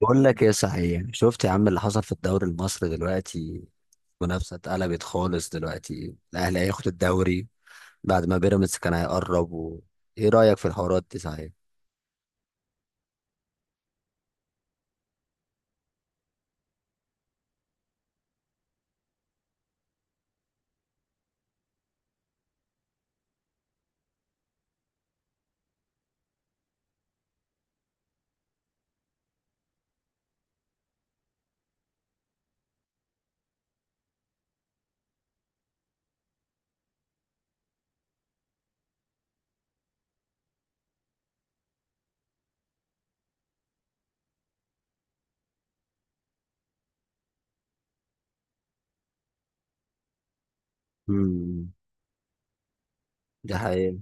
بقول لك ايه صحيح؟ شفت يا عم اللي حصل في الدوري المصري دلوقتي؟ منافسة اتقلبت خالص دلوقتي، الاهلي هياخد الدوري بعد ما بيراميدز كان هيقرب و... ايه رأيك في الحوارات دي صحيح؟ امم. ده حقيقة.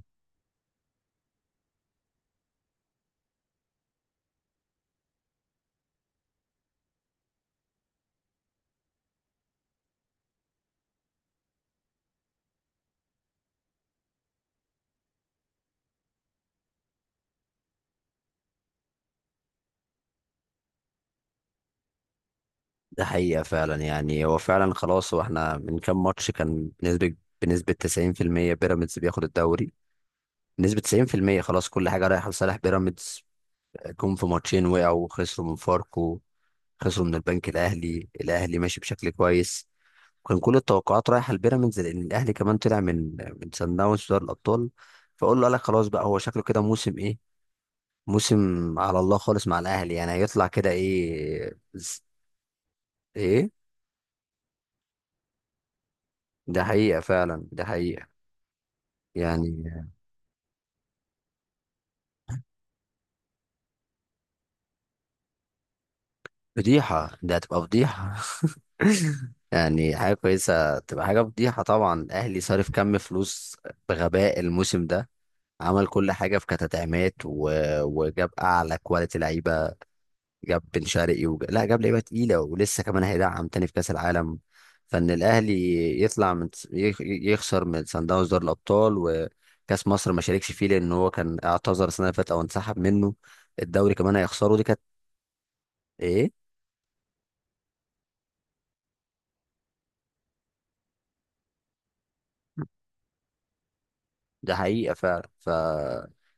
ده حقيقة فعلا، يعني هو فعلا خلاص. واحنا من كام ماتش كان بنسبة 90% بيراميدز بياخد الدوري، بنسبة 90% خلاص، كل حاجة رايحة لصالح بيراميدز. جم في ماتشين وقعوا وخسروا من فاركو، خسروا من البنك الأهلي. الأهلي ماشي بشكل كويس. كان كل التوقعات رايحه لبيراميدز لان الاهلي كمان طلع من سان داونز في دوري الابطال. فقول له، قال لك خلاص بقى، هو شكله كده موسم ايه، موسم... على الله خالص مع الاهلي، يعني هيطلع كده ايه، ايه. ده حقيقه فعلا، ده حقيقه. يعني فضيحه، ده هتبقى فضيحه. يعني حاجه كويسه تبقى حاجه فضيحه؟ طبعا الاهلي صارف كم فلوس بغباء الموسم ده، عمل كل حاجه في كتدعيمات و... وجاب اعلى كواليتي لعيبه، جاب بن شرقي لا، جاب لعيبه تقيله، ولسه كمان هيدعم تاني في كاس العالم. فان الاهلي يطلع من يخسر من سان داونز دوري الابطال، وكاس مصر ما شاركش فيه لان هو كان اعتذر السنه اللي فاتت او انسحب منه، الدوري كمان هيخسره، دي كانت... ايه؟ ده حقيقه فعلا، ف...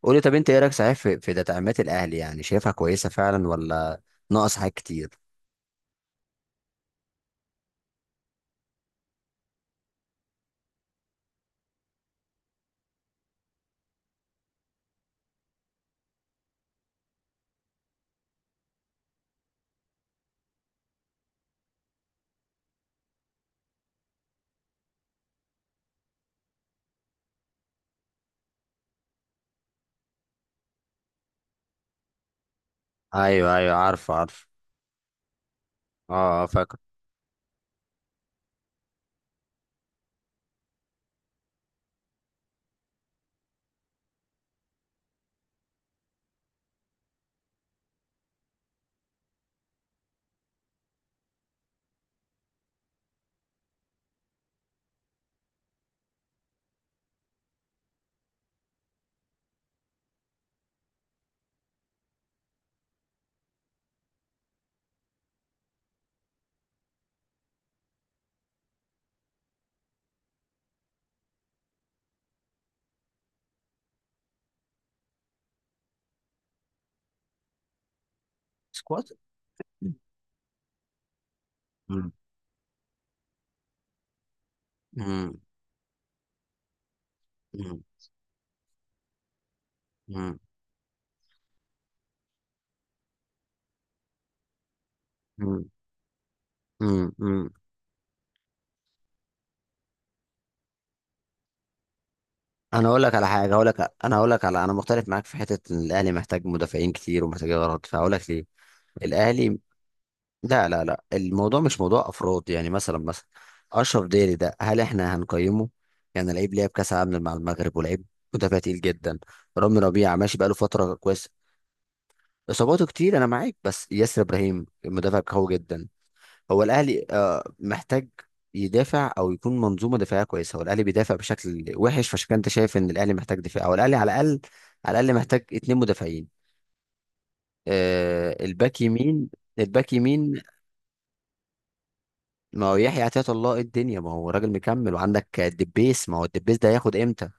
قولي طب، انت ايه رايك صحيح في تدعيمات الاهلي، يعني شايفها كويسه فعلا، ولا ناقص حاجات كتير؟ ايوه ايوه، عارف عارف. اه آه، فاكر. سكواد. امم. امم. امم. امم. امم. انا اقول لك على حاجه، اقول لك، انا اقول لك على، انا مختلف معاك في حته، ان الاهلي محتاج مدافعين كتير ومحتاج غلط، فهقول لك ليه. الاهلي... لا لا لا، الموضوع مش موضوع افراد، يعني مثلا اشرف داري ده، هل احنا هنقيمه؟ يعني لعيب لعب كاس عالم مع المغرب، ولعيب مدافع تقيل جدا. رامي ربيعه ماشي بقاله فتره كويسه، اصاباته كتير، انا معاك، بس ياسر ابراهيم المدافع قوي جدا. هو الاهلي آه، محتاج يدافع او يكون منظومه دفاعيه كويسه، هو الاهلي بيدافع بشكل وحش، فعشان كده انت شايف ان الاهلي محتاج دفاع، او الاهلي على الاقل، على الاقل محتاج اتنين مدافعين. آه الباك يمين، الباك يمين. ما هو يحيى عطية الله، إيه الدنيا، ما هو راجل مكمل، وعندك دبيس، ما هو الدبيس ده هياخد امتى؟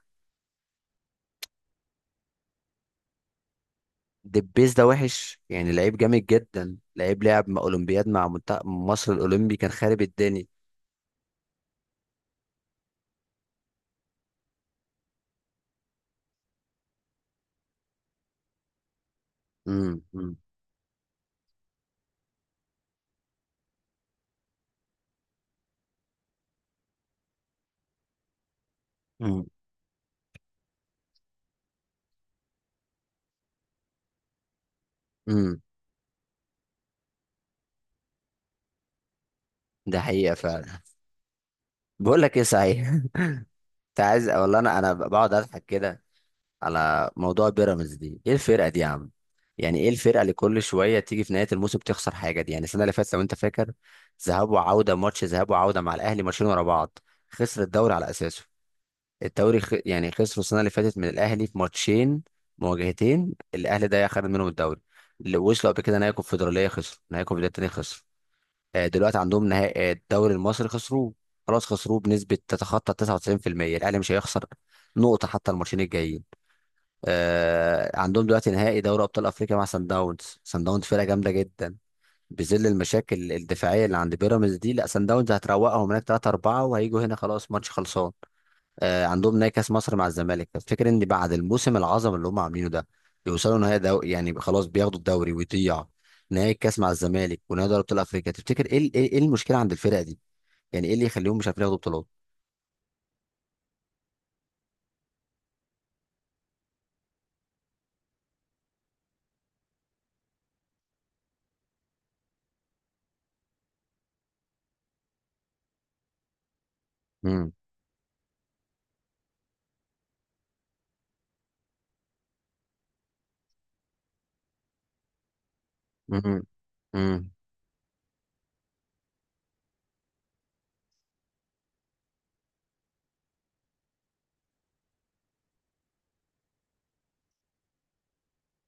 دبيس ده وحش، يعني لعيب جامد جدا، لعيب لعب مع اولمبياد، مع منتخب مصر الاولمبي كان خارب الدنيا. امم. امم. امم. ده حقيقة فعلا. بقول لك ايه صحيح، انت عايز، والله انا، انا بقعد اضحك كده على موضوع بيراميدز دي، ايه الفرقه دي يا عم؟ يعني ايه الفرقه اللي كل شويه تيجي في نهايه الموسم تخسر حاجه دي؟ يعني السنه اللي فاتت لو انت فاكر، ذهاب وعوده، ماتش ذهاب وعوده مع الاهلي، ماتشين ورا بعض، خسر الدوري على اساسه. الدوري خ... يعني خسر السنه اللي فاتت من الاهلي في ماتشين، مواجهتين الاهلي ده خد منهم الدوري. اللي وصلوا قبل كده نهائي كونفدراليه، خسر نهائي كونفدراليه، تاني خسر. آه، دلوقتي عندهم نهائي آه، الدوري المصري خسروه، خلاص خسروه بنسبة تتخطى 99%، الأهلي مش هيخسر نقطة حتى الماتشين الجايين. آه، عندهم دلوقتي نهائي دوري أبطال أفريقيا مع سان داونز، سان داونز فرقة جامدة جدا، بظل المشاكل الدفاعية اللي عند بيراميدز دي، لا سان داونز هتروقهم هناك 3-4 وهيجوا هنا خلاص ماتش خلصان. آه، عندهم نهائي كاس مصر مع الزمالك، تفتكر ان بعد الموسم العظمه اللي هم عاملينه ده يوصلوا نهائي دو... يعني خلاص بياخدوا الدوري ويضيع نهائي الكاس مع الزمالك ونهائي دوري ابطال افريقيا؟ تفتكر ايه ايه إيه المشكله عند الفرقه دي؟ يعني ايه اللي يخليهم مش عارفين ياخدوا بطولات؟ امم. امم. امم.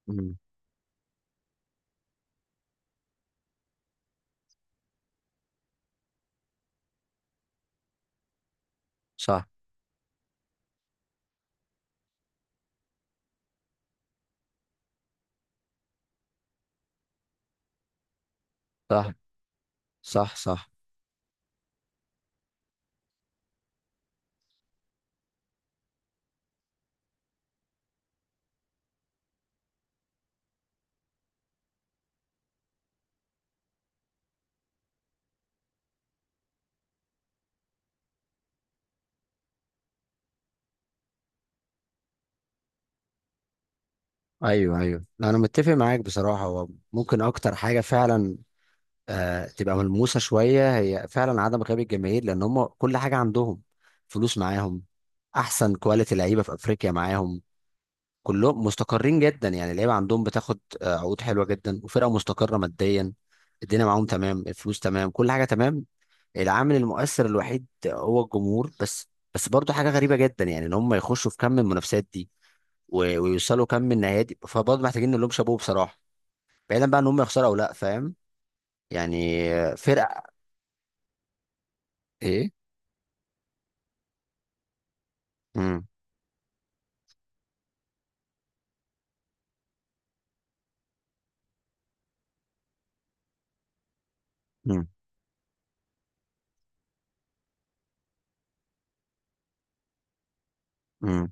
أمم. صح. صح صح. صح. ايوه ايوه، انا متفق معاك بصراحه، هو ممكن اكتر حاجه فعلا آه، تبقى ملموسه شويه، هي فعلا عدم غياب الجماهير، لان هم كل حاجه عندهم، فلوس معاهم، احسن كواليتي لعيبه في افريقيا معاهم، كلهم مستقرين جدا، يعني اللعيبه عندهم بتاخد آه، عقود حلوه جدا، وفرقه مستقره ماديا، الدنيا معاهم تمام، الفلوس تمام، كل حاجه تمام، العامل المؤثر الوحيد هو الجمهور بس. بس برضه حاجه غريبه جدا يعني، ان هم يخشوا في كم من المنافسات دي ويوصلوا كم من النهائيات دي، فبرضه محتاجين نقول لهم شابوه بصراحه، بعيدا بقى ان هم يخسروا او لا، فاهم؟ يعني آه، فرقه ايه. مم. مم.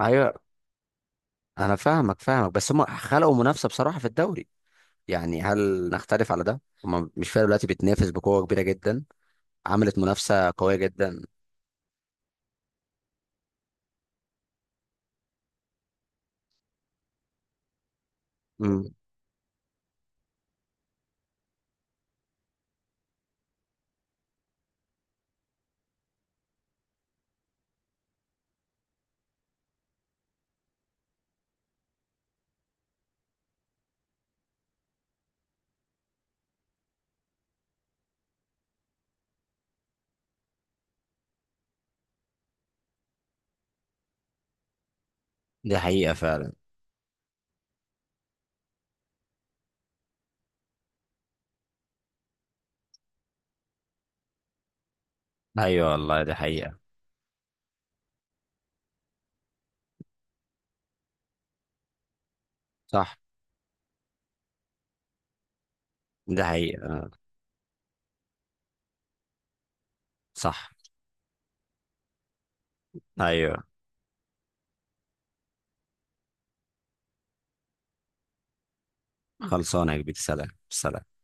ايوه، انا فاهمك فاهمك، بس هم خلقوا منافسه بصراحه في الدوري، يعني هل نختلف على ده؟ هم مش فارق دلوقتي، بتنافس بقوه كبيره جدا، عملت منافسه قويه جدا. مم. دي حقيقة فعلا. ايوه والله دي حقيقة. صح. دي حقيقة. صح. ايوه. خلصانة يا كبير، سلام سلام.